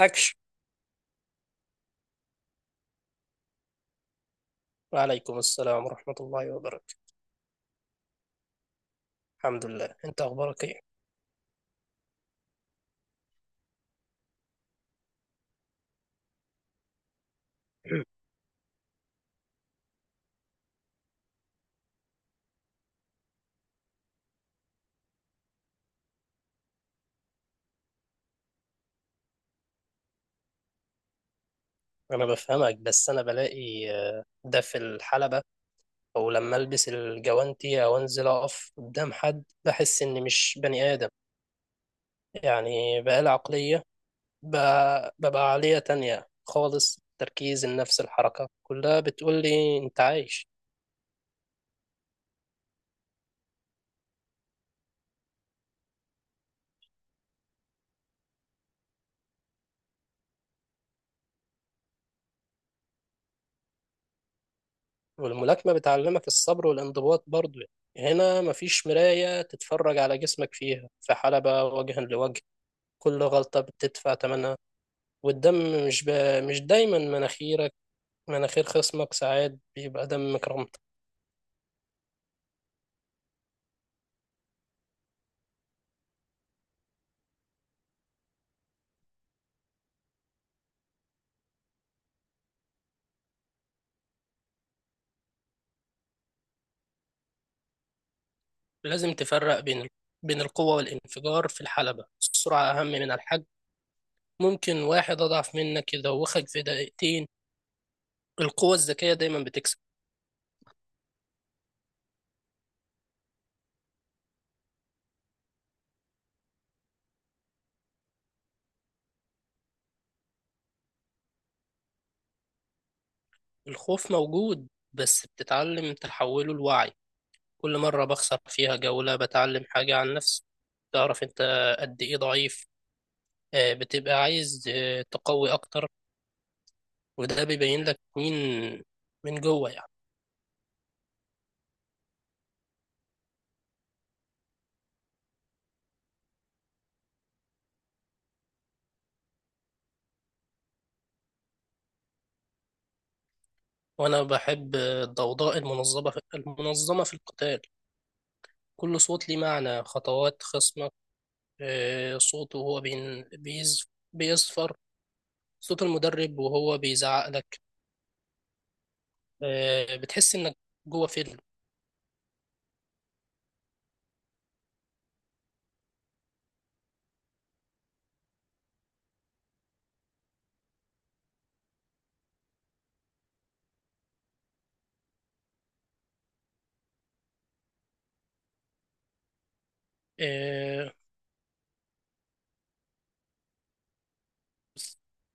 أكشن. وعليكم السلام ورحمة الله وبركاته. الحمد لله، أنت أخبارك إيه؟ أنا بفهمك، بس أنا بلاقي ده في الحلبة، أو لما ألبس الجوانتي أو أنزل أقف قدام حد بحس إني مش بني آدم. يعني بقالي عقلية، ببقى عقلية تانية خالص. تركيز النفس، الحركة، كلها بتقول لي أنت عايش. والملاكمة بتعلمك الصبر والانضباط برضه. هنا مفيش مراية تتفرج على جسمك فيها، في حلبة وجها لوجه كل غلطة بتدفع تمنها. والدم مش مش دايما مناخيرك، مناخير خصمك ساعات بيبقى دم كرامتك. لازم تفرق بين بين القوة والانفجار. في الحلبة السرعة أهم من الحجم، ممكن واحد أضعف منك يدوخك في دقيقتين. القوة الذكية دايما بتكسب. الخوف موجود، بس بتتعلم تحوله لوعي. كل مرة بخسر فيها جولة بتعلم حاجة عن نفسي، تعرف أنت قد إيه ضعيف، بتبقى عايز تقوي أكتر. وده بيبين لك مين من جوه يعني. وانا بحب الضوضاء المنظمه، في القتال كل صوت ليه معنى، خطوات خصمك، صوته وهو بيصفر، صوت المدرب وهو بيزعق لك. بتحس انك جوه فيلم. آه،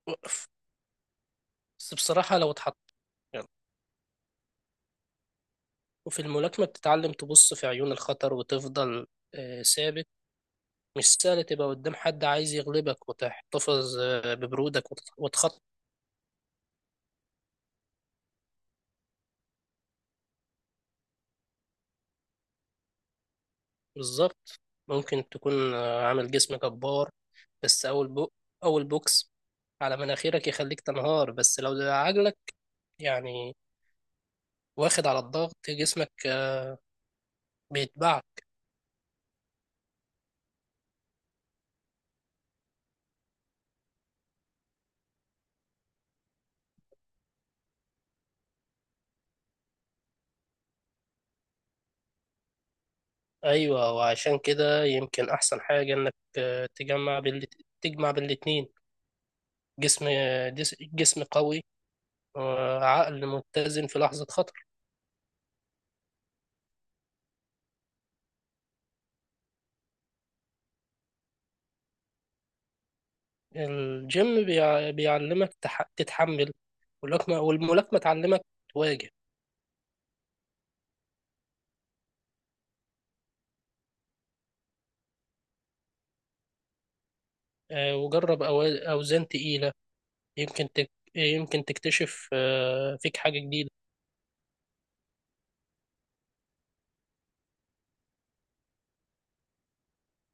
وقف. بس بصراحة لو اتحط، يعني. وفي الملاكمة بتتعلم تبص في عيون الخطر وتفضل ثابت. مش سهل تبقى قدام حد عايز يغلبك وتحتفظ ببرودك وتخطط. بالظبط. ممكن تكون عامل جسم جبار، بس أول بوكس على مناخيرك يخليك تنهار. بس لو ده عجلك يعني، واخد على الضغط، جسمك بيتبعت. أيوة، وعشان كده يمكن أحسن حاجة إنك تجمع تجمع بالاتنين، جسم جسم قوي وعقل متزن في لحظة خطر. الجيم بيعلمك تتحمل، والملاكمة تعلمك تواجه. وجرب أوزان تقيلة، يمكن تكتشف فيك حاجة جديدة.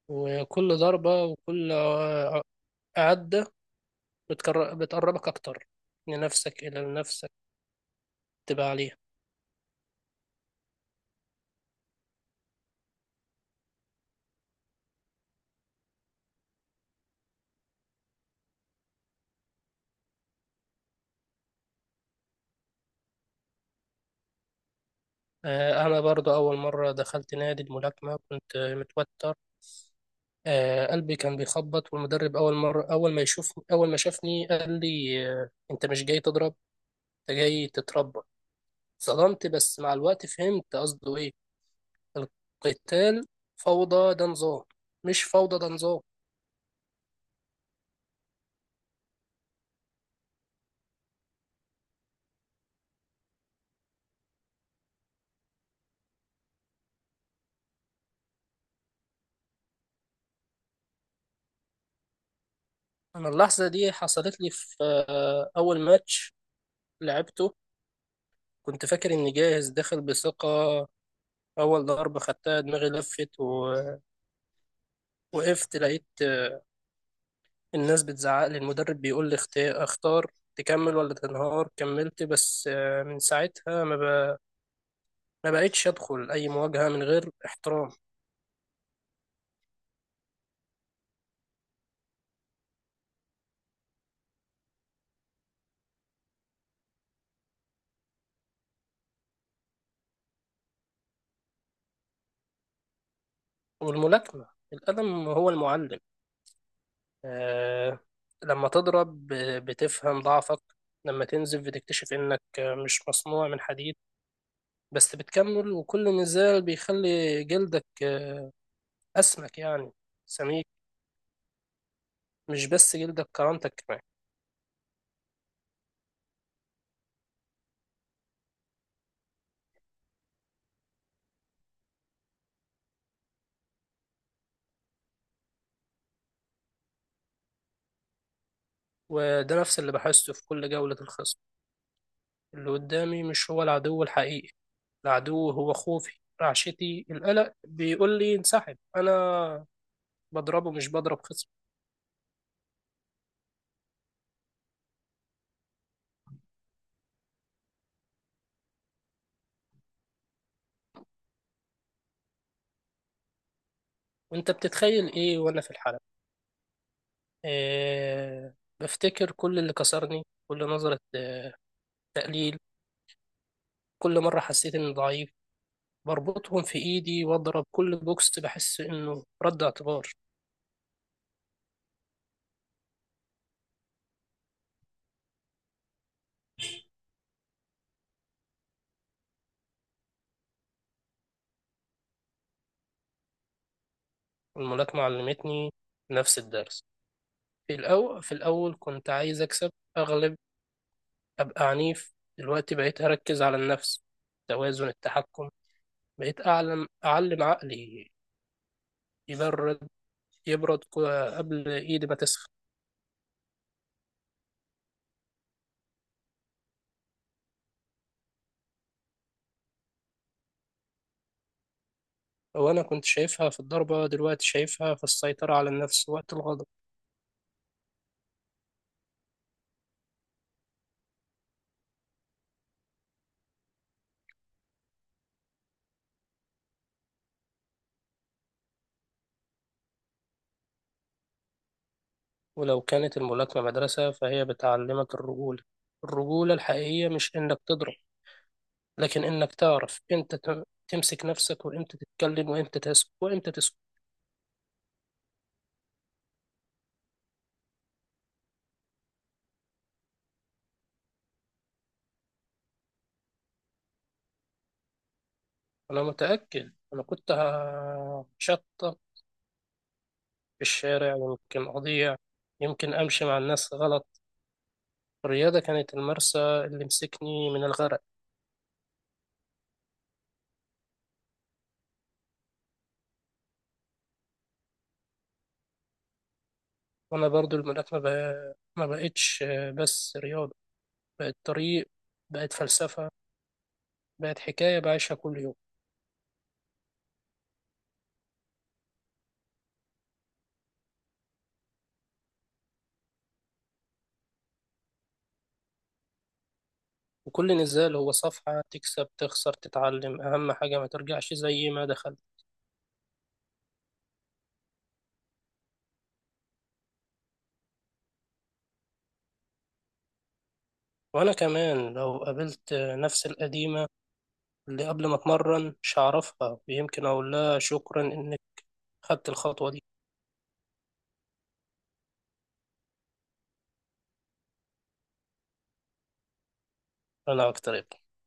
وكل ضربة وكل عدة بتقربك أكتر لنفسك، إلى نفسك تبقى عليها. أنا برضو أول مرة دخلت نادي الملاكمة كنت متوتر، قلبي كان بيخبط. والمدرب أول مرة أول ما يشوف أول ما شافني قال لي أنت مش جاي تضرب، أنت جاي تتربى. صدمت، بس مع الوقت فهمت قصده إيه. القتال فوضى ده نظام مش فوضى، ده نظام. انا اللحظه دي حصلت لي في اول ماتش لعبته. كنت فاكر اني جاهز، داخل بثقه. اول ضربه خدتها دماغي لفت ووقفت، لقيت الناس بتزعق لي، المدرب بيقول لي اختار تكمل ولا تنهار. كملت، بس من ساعتها ما بقتش ادخل اي مواجهه من غير احترام. والملاكمه، القلم هو المعلم. آه، لما تضرب بتفهم ضعفك، لما تنزف بتكتشف انك مش مصنوع من حديد، بس بتكمل. وكل نزال بيخلي جلدك أسمك يعني، سميك، مش بس جلدك، كرامتك كمان. وده نفس اللي بحسه في كل جولة. الخصم اللي قدامي مش هو العدو الحقيقي، العدو هو خوفي، رعشتي، القلق بيقول لي انسحب. أنا بضربه، مش بضرب خصم. وانت بتتخيل ايه وانا في الحلبة؟ إيه، بفتكر كل اللي كسرني، كل نظرة تقليل، كل مرة حسيت اني ضعيف، بربطهم في إيدي وأضرب. كل بوكس بحس إنه رد اعتبار. الملاكمة علمتني نفس الدرس. في الأول كنت عايز أكسب، أغلب، أبقى عنيف. دلوقتي بقيت أركز على النفس، توازن، التحكم. بقيت أعلم عقلي يبرد، قبل إيدي ما تسخن. وأنا كنت شايفها في الضربة، دلوقتي شايفها في السيطرة على النفس وقت الغضب. ولو كانت الملاكمة مدرسة فهي بتعلمك الرجولة. الرجولة الحقيقية مش إنك تضرب، لكن انك تعرف امتى تمسك نفسك، وامتى تتكلم، وامتى تسكت. انا متأكد انا كنت هشطب في الشارع، يمكن اضيع، يمكن امشي مع الناس غلط. الرياضة كانت المرسى اللي مسكني من الغرق. وانا برضو الملاكمة ما بقتش بس رياضة، بقت طريق، بقت فلسفة، بقت حكاية بعيشها كل يوم. وكل نزال هو صفحة، تكسب، تخسر، تتعلم. أهم حاجة ما ترجعش زي ما دخل. وأنا كمان لو قابلت نفس القديمة اللي قبل ما أتمرن مش هعرفها، ويمكن أقول لها شكرا إنك خدت الخطوة دي. أنا أكتر.